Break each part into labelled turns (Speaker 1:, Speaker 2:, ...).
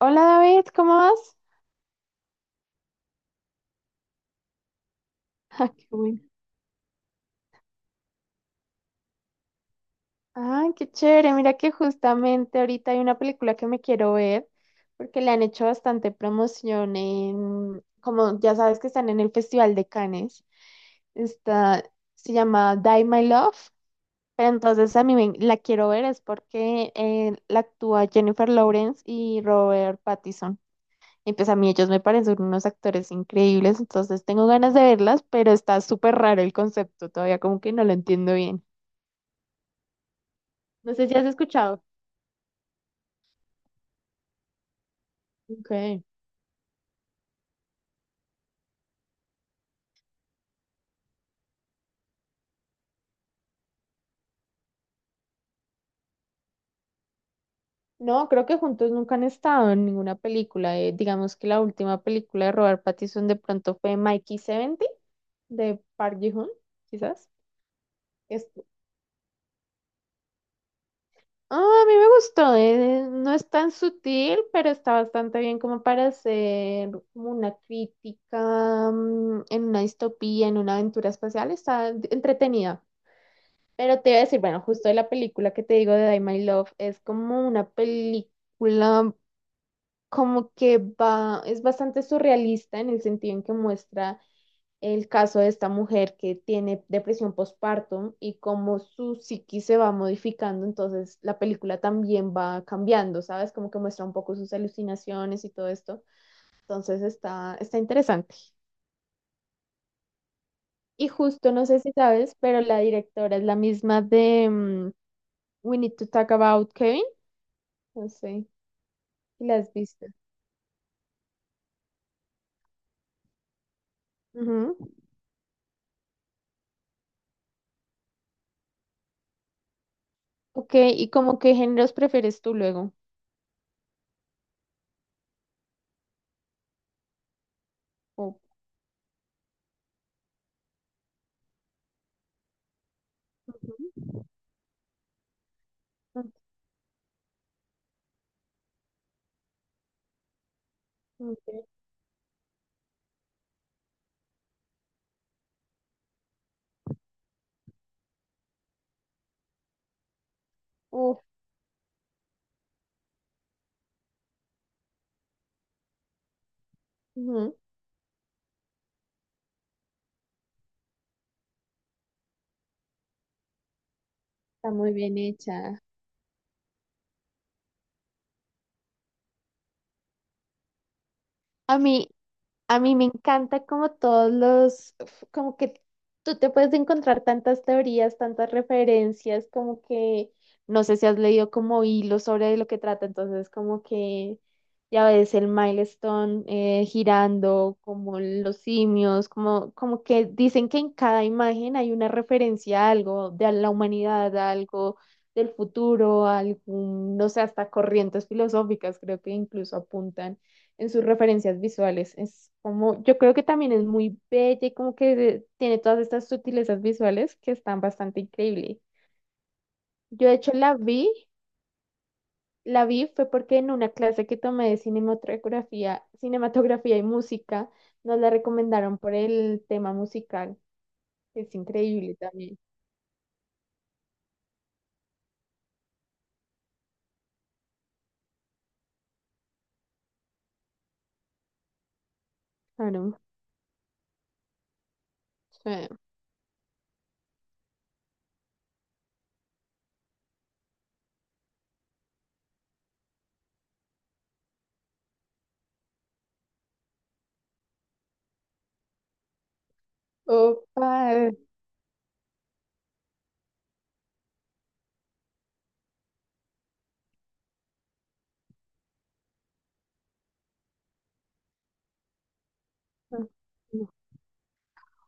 Speaker 1: Hola David, ¿cómo vas? Ah, qué bueno. Ah, qué chévere. Mira que justamente ahorita hay una película que me quiero ver porque le han hecho bastante promoción en, como ya sabes que están en el Festival de Cannes. Está, se llama Die My Love, pero entonces la quiero ver es porque la actúa Jennifer Lawrence y Robert Pattinson. Y pues a mí ellos me parecen unos actores increíbles, entonces tengo ganas de verlas, pero está súper raro el concepto, todavía como que no lo entiendo bien. No sé si has escuchado. Okay. No, creo que juntos nunca han estado en ninguna película. Digamos que la última película de Robert Pattinson de pronto fue Mikey 70 de Park Ji-hoon, quizás. Es- Ah, a mí me gustó, no es tan sutil, pero está bastante bien como para hacer como una crítica, en una distopía, en una aventura espacial, entretenida. Pero te iba a decir, bueno, justo de la película que te digo de Die My Love, es como una película como que va, es bastante surrealista en el sentido en que muestra el caso de esta mujer que tiene depresión postpartum y cómo su psiquis se va modificando, entonces la película también va cambiando, ¿sabes? Como que muestra un poco sus alucinaciones y todo esto. Entonces está interesante. Y justo, no sé si sabes, pero la directora es la misma de We Need to Talk About Kevin. No sé si la has visto. Ujú. Ok, ¿y como qué géneros prefieres tú luego? O- Ujú. Ok. Uf, ujú, está muy bien hecha. A mí, A mí me encanta como todos los, uf, como que tú te puedes encontrar tantas teorías, tantas referencias, como que no sé si has leído como hilos sobre lo que trata, entonces como que ya ves el milestone girando, como los simios, como que dicen que en cada imagen hay una referencia a algo, de a la humanidad, a algo del futuro, a algún, no sé, hasta corrientes filosóficas, creo que incluso apuntan en sus referencias visuales. Es como, yo creo que también es muy bella y como que tiene todas estas sutilezas visuales que están bastante increíbles. Yo de hecho la vi fue porque en una clase que tomé de cinematografía, cinematografía y música, nos la recomendaron por el tema musical. Es increíble también. Claro. Sí. Opa.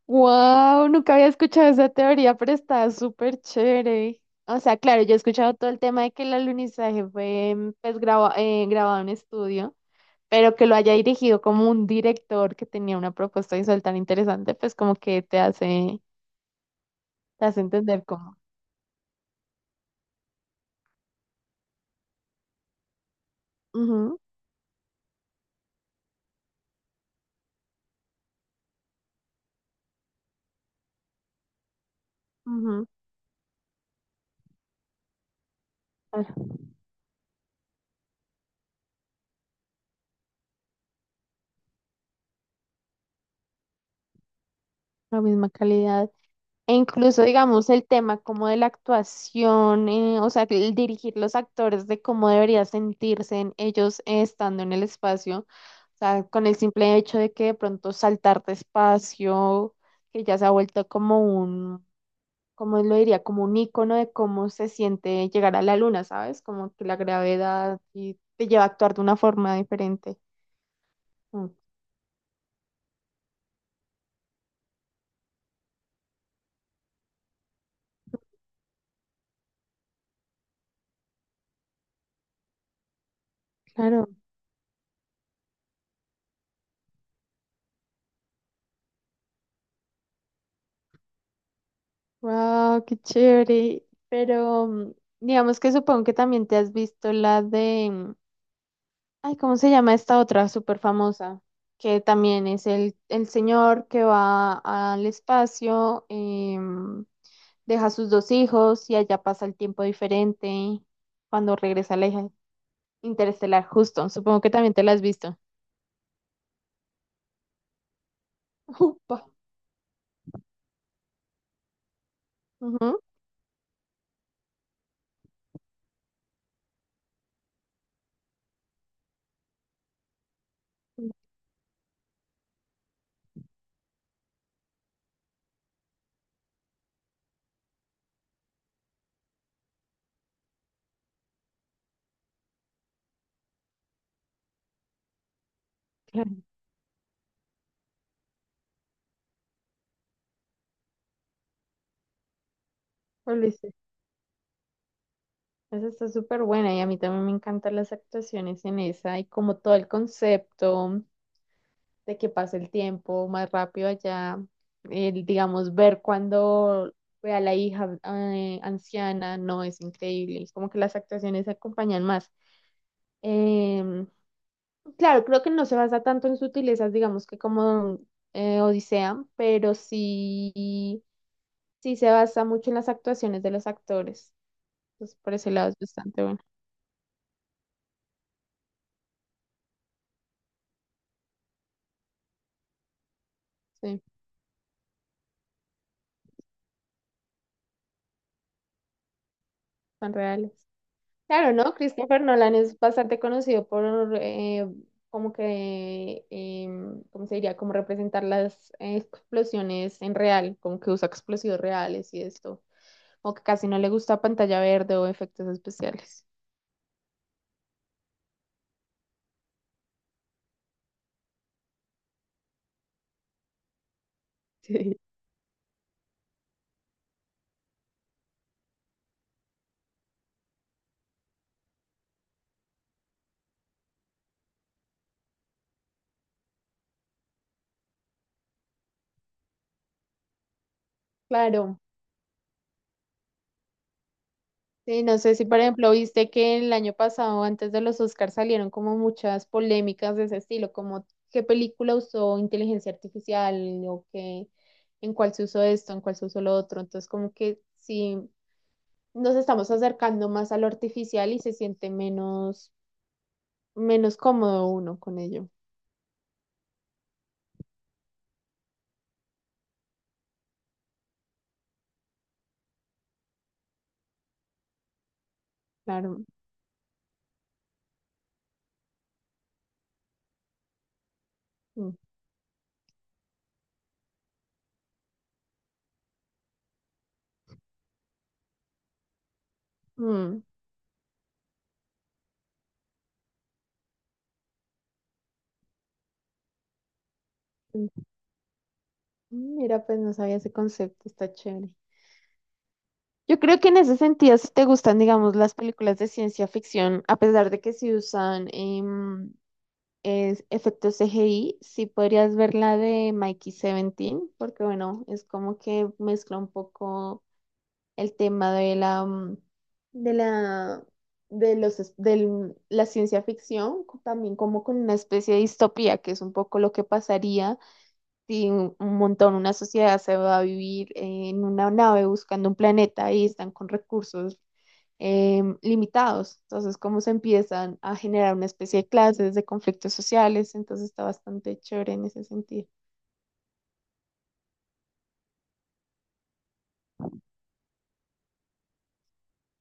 Speaker 1: Wow, nunca había escuchado esa teoría, pero está súper chévere. O sea, claro, yo he escuchado todo el tema de que el alunizaje fue pues, grabado en estudio, pero que lo haya dirigido como un director que tenía una propuesta visual tan interesante, pues como que te hace entender cómo. Ujú, ujú, claro, la misma calidad. E incluso, digamos, el tema como de la actuación, o sea, el dirigir los actores de cómo debería sentirse en ellos estando en el espacio, o sea, con el simple hecho de que de pronto saltar de espacio, que ya se ha vuelto como un, ¿como lo diría? Como un icono de cómo se siente llegar a la luna, ¿sabes? Como que la gravedad y te lleva a actuar de una forma diferente. Mm, claro. Wow, qué chévere. Pero digamos que supongo que también te has visto la de, ay, ¿cómo se llama esta otra súper famosa? Que también es el señor que va al espacio, deja sus dos hijos y allá pasa el tiempo diferente cuando regresa la hija interestelar, justo. Supongo que también te la has visto. Upa. Ujú. Claro. Esa está súper buena y a mí también me encantan las actuaciones en esa y como todo el concepto de que pasa el tiempo más rápido allá, el, digamos, ver cuando ve a la hija anciana, no, es increíble, es como que las actuaciones se acompañan más. Em, claro, creo que no se basa tanto en sutilezas, digamos que como Odisea, pero sí, sí se basa mucho en las actuaciones de los actores, entonces por ese lado es bastante bueno, sí, son reales. Claro, ¿no? Christopher Nolan es bastante conocido por eh, como que, ¿cómo se diría? Como representar las explosiones en real, como que usa explosivos reales y esto, o que casi no le gusta pantalla verde o efectos especiales. Sí. Claro, sí, no sé si por ejemplo viste que el año pasado antes de los Oscars salieron como muchas polémicas de ese estilo, como qué película usó inteligencia artificial o qué, en cuál se usó esto, en cuál se usó lo otro, entonces como que sí nos estamos acercando más a lo artificial y se siente menos, menos cómodo uno con ello. Claro. Mm, mm, mm. Mira, pues no sabía ese concepto, está chévere. Yo creo que en ese sentido, si te gustan, digamos, las películas de ciencia ficción, a pesar de que sí usan efectos CGI, sí podrías ver la de Mikey 17, porque bueno, es como que mezcla un poco el tema de la, mm, de la, de los, es- del- la ciencia ficción, co- también como con una especie de distopía, que es un poco lo que pasaría si un montón, una sociedad se va a vivir en una nave buscando un planeta y están con recursos limitados. Entonces, cómo se empiezan a generar una especie de clases, de conflictos sociales, entonces está bastante chévere en ese sentido.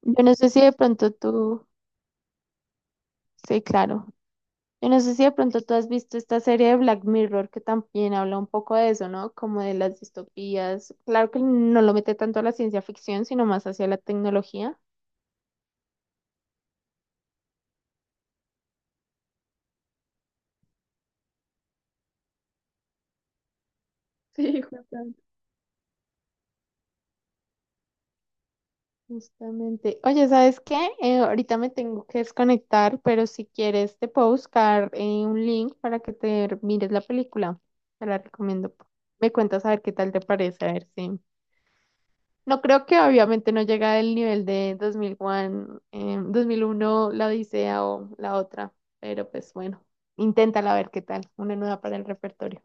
Speaker 1: Yo no sé si de pronto tú, sí, claro. Yo no sé si de pronto tú has visto esta serie de Black Mirror que también habla un poco de eso, ¿no? Como de las distopías. Claro que no lo mete tanto a la ciencia ficción, sino más hacia la tecnología. Sí, justamente. Justamente. Oye, ¿sabes qué? Ahorita me tengo que desconectar, pero si quieres te puedo buscar un link para que te mires la película. Te la recomiendo. Me cuentas a ver qué tal te parece, a ver si no creo que obviamente no llega al nivel de 2001, La Odisea o la otra, pero pues bueno, inténtala a ver qué tal, una nueva para el repertorio.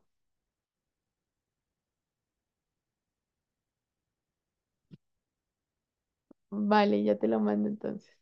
Speaker 1: Vale, ya te lo mando entonces.